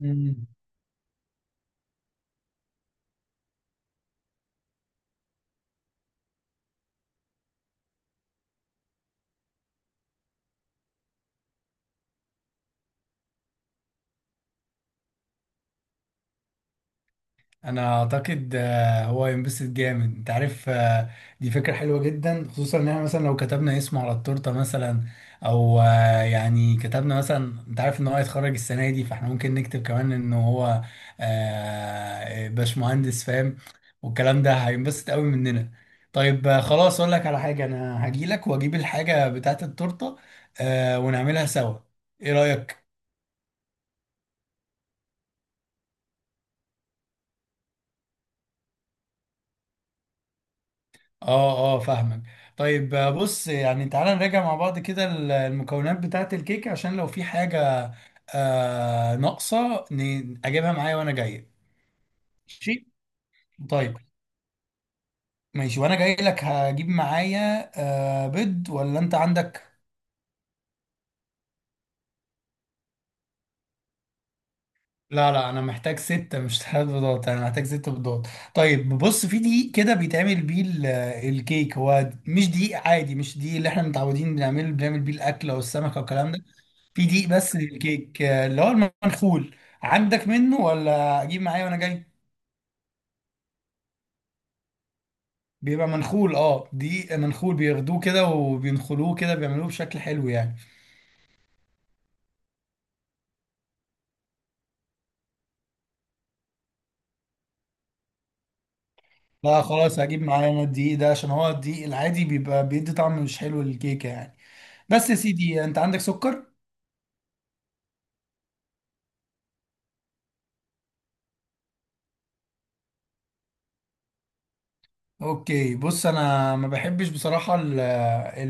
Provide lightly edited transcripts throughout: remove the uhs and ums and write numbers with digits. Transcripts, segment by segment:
مم. انا اعتقد آه، هو ينبسط جامد انت عارف دي فكره حلوه جدا، خصوصا ان احنا مثلا لو كتبنا اسمه على التورته مثلا، او يعني كتبنا مثلا، انت عارف ان هو هيتخرج السنه دي، فاحنا ممكن نكتب كمان ان هو باشمهندس فاهم. والكلام ده هينبسط قوي مننا. طيب خلاص اقول لك على حاجه، انا هجيلك واجيب الحاجه بتاعت التورته ونعملها سوا. ايه رايك؟ اه. اه فاهمك. طيب بص، يعني تعالى نراجع مع بعض كده المكونات بتاعة الكيك، عشان لو في حاجة ناقصة اجيبها معايا وانا جاي. ماشي. طيب ماشي، وانا جاي لك هجيب معايا آه بيض، ولا انت عندك؟ لا لا، انا محتاج ستة مش ثلاث بيضات، انا محتاج ست بيضات. طيب بص، في دقيق كده بيتعمل بيه الكيك، هو مش دقيق عادي، مش دقيق اللي احنا متعودين بنعمله، بنعمل بيه الاكل او السمكة والكلام ده. في دقيق بس للكيك اللي هو المنخول. عندك منه ولا اجيب معايا وانا جاي؟ بيبقى منخول، اه دقيق منخول، بياخدوه كده وبينخلوه كده، بيعملوه بشكل حلو يعني. لا خلاص، هجيب معايا انا الدقيق ده، عشان هو الدقيق العادي بيبقى بيدي طعم مش حلو للكيكة يعني. بس يا سيدي، انت عندك سكر؟ اوكي بص، انا ما بحبش بصراحة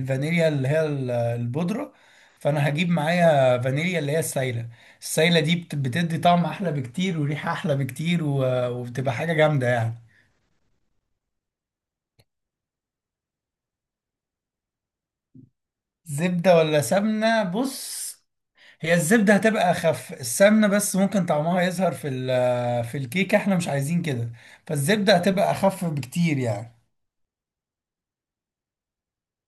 الفانيليا اللي هي البودرة، فانا هجيب معايا فانيليا اللي هي السايلة. السايلة دي بتدي طعم احلى بكتير وريحة احلى بكتير، وبتبقى حاجة جامدة يعني. زبدة ولا سمنة؟ بص، هي الزبدة هتبقى اخف، السمنة بس ممكن طعمها يظهر في في الكيك، احنا مش عايزين كده. فالزبدة هتبقى اخف بكتير يعني.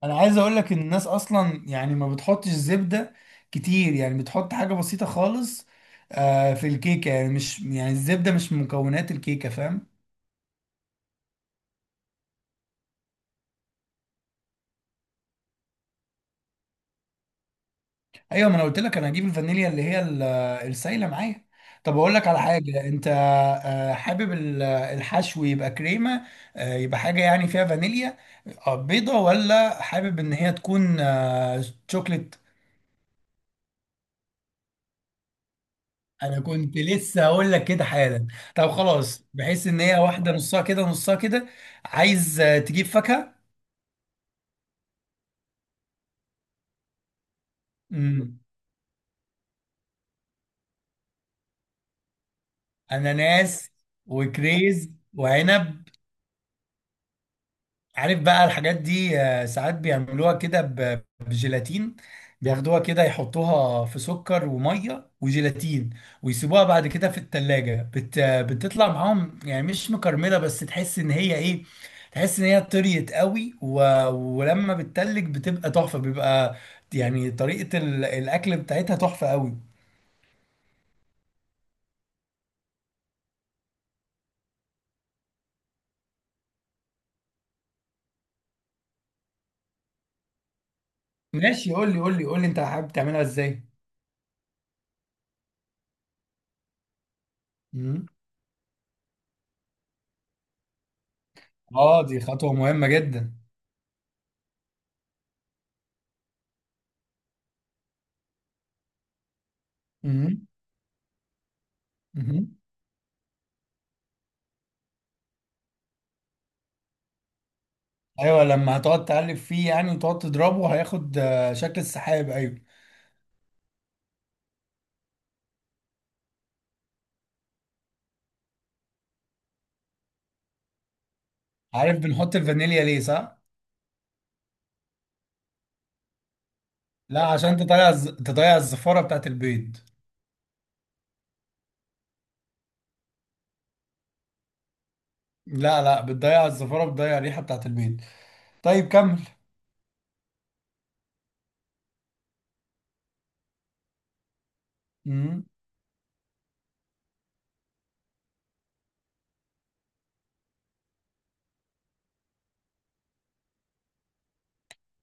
انا عايز اقول لك ان الناس اصلا يعني ما بتحطش زبده كتير، يعني بتحط حاجه بسيطه خالص آه في الكيكه، يعني مش يعني الزبده مش من مكونات الكيكه، فاهم؟ ايوه، ما انا قلت لك انا هجيب الفانيليا اللي هي السايله معايا. طب اقول لك على حاجه، انت آه حابب الحشو يبقى كريمه يبقى حاجه يعني فيها فانيليا آه، بيضه، ولا حابب ان هي تكون آه شوكليت؟ انا كنت لسه هقول لك كده حالا. طب خلاص، بحيث ان هي واحده نصها كده نصها كده. عايز تجيب فاكهه؟ امم، اناناس، وكريز وعنب. عارف بقى الحاجات دي ساعات بيعملوها كده بجيلاتين، بياخدوها كده يحطوها في سكر وميه وجيلاتين، ويسيبوها بعد كده في التلاجة بتطلع معاهم يعني، مش مكرملة بس تحس ان هي ايه، تحس ان هي طريت قوي ولما بتتلج بتبقى تحفة. بيبقى يعني طريقة الاكل بتاعتها تحفة قوي. ماشي. قول لي انت حابب تعملها ازاي. مم. اه دي خطوة مهمة جدا. مم. مم. ايوه، لما هتقعد تقلب فيه يعني وتقعد تضربه، هياخد شكل السحاب، ايوه. عارف بنحط الفانيليا ليه صح؟ لا، عشان تضيع تضيع الزفاره بتاعت البيض. لا لا، بتضيع الزفاره، بتضيع الريحه بتاعت البيض. طيب كمل. مم.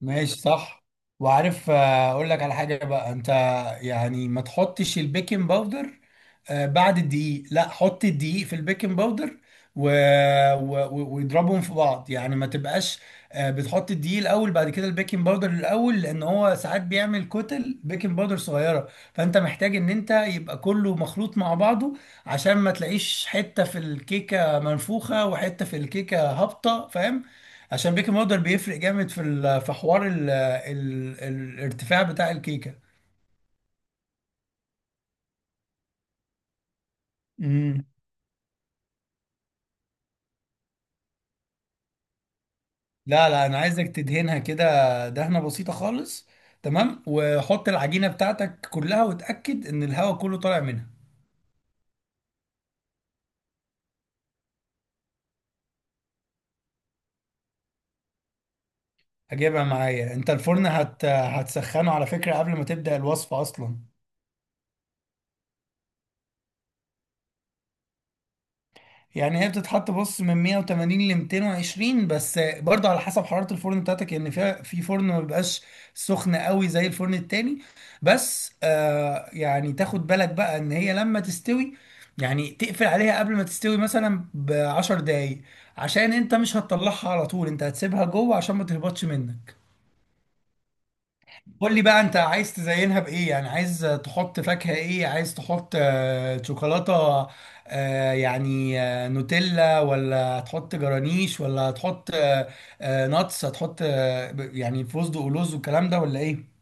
ماشي صح. وعارف اقول لك على حاجه بقى انت، يعني ما تحطش البيكنج باودر بعد الدقيق، لا، حط الدقيق في البيكنج باودر و... واضربهم في بعض، يعني ما تبقاش بتحط الدقيق الاول بعد كده البيكنج باودر الاول، لان هو ساعات بيعمل كتل بيكنج باودر صغيره، فانت محتاج ان انت يبقى كله مخلوط مع بعضه، عشان ما تلاقيش حته في الكيكه منفوخه وحته في الكيكه هابطه فاهم. عشان بيكنج باودر بيفرق جامد في في حوار ال ال الارتفاع بتاع الكيكه. امم. لا لا، انا عايزك تدهنها كده، دهنه بسيطه خالص. تمام، وحط العجينه بتاعتك كلها وتاكد ان الهواء كله طالع منها. هجيبها معايا. انت الفرن هتسخنه على فكره قبل ما تبدا الوصفه اصلا. يعني هي بتتحط بص من 180 ل 220، بس برضه على حسب حرارة الفرن بتاعتك، يعني فيها في فرن ما بيبقاش سخن قوي زي الفرن التاني. بس آه يعني تاخد بالك بقى ان هي لما تستوي، يعني تقفل عليها قبل ما تستوي مثلا ب 10 دقايق، عشان انت مش هتطلعها على طول، انت هتسيبها جوه عشان ما تهبطش منك. قول لي بقى انت عايز تزينها بايه، يعني عايز تحط فاكهة ايه، عايز تحط شوكولاتة يعني آه، نوتيلا، ولا تحط جرانيش، ولا تحط ناتس، هتحط يعني فستق ولوز والكلام ده، ولا ايه؟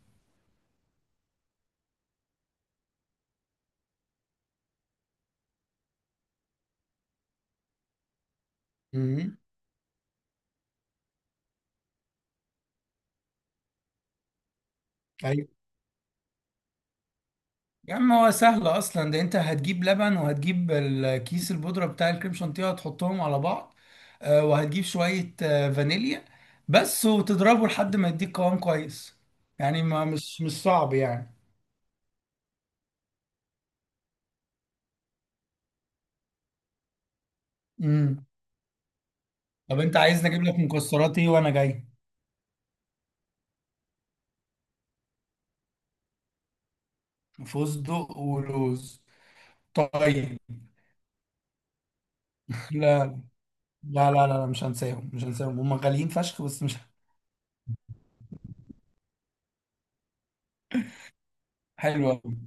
امم. ايوه، يا عم هو سهل اصلا ده، انت هتجيب لبن وهتجيب الكيس البودرة بتاع الكريم شانتيه، هتحطهم على بعض وهتجيب شوية فانيليا بس، وتضربه لحد ما يديك قوام كويس. يعني ما مش مش صعب يعني. امم. طب انت عايز اجيب لك مكسرات ايه وانا جاي؟ فستق ولوز. طيب. لا. لا مش هنساهم، مش هنساهم، هم غاليين فشخ، بس مش حلو قوي.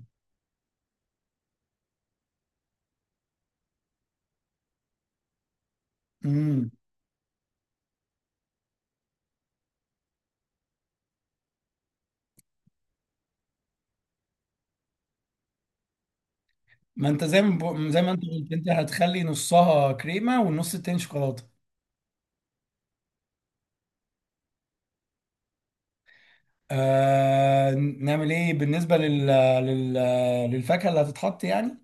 امم، ما انت زي ما بقو- زي ما انت قلت، انت هتخلي نصها كريمه والنص التاني شوكولاته. آه نعمل ايه بالنسبه لل... للفاكهه اللي هتتحط يعني؟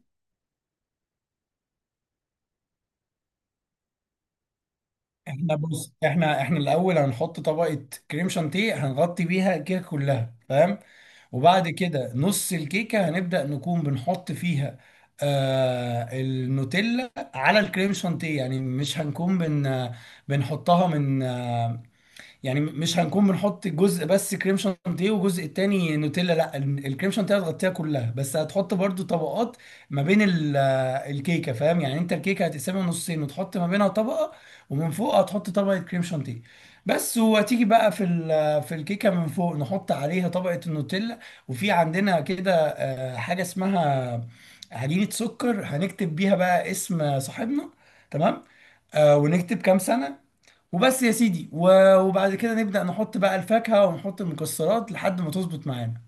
احنا بص احنا الاول هنحط طبقه كريم شانتيه هنغطي بيها الكيكه كلها فاهم. وبعد كده نص الكيكه هنبدا نكون بنحط فيها النوتيلا على الكريم شانتيه، يعني مش هنكون بن بنحطها من يعني مش هنكون بنحط جزء بس كريم شانتيه وجزء التاني نوتيلا، لا الكريم شانتيه هتغطيها كلها، بس هتحط برضو طبقات ما بين الكيكه فاهم، يعني انت الكيكه هتقسمها نصين وتحط ما بينها طبقه، ومن فوق هتحط طبقه كريم شانتيه بس. وهتيجي بقى في في الكيكه من فوق نحط عليها طبقه النوتيلا. وفي عندنا كده حاجه اسمها عجينه سكر، هنكتب بيها بقى اسم صاحبنا، تمام. ونكتب كام سنة وبس يا سيدي، وبعد كده نبدأ نحط بقى الفاكهة ونحط المكسرات لحد ما تظبط معانا.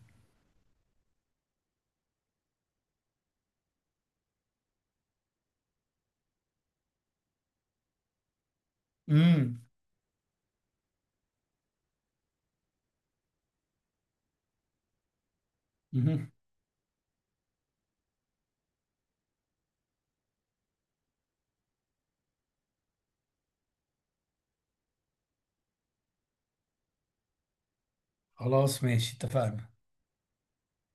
امم. مهم. خلاص ماشي، اتفقنا.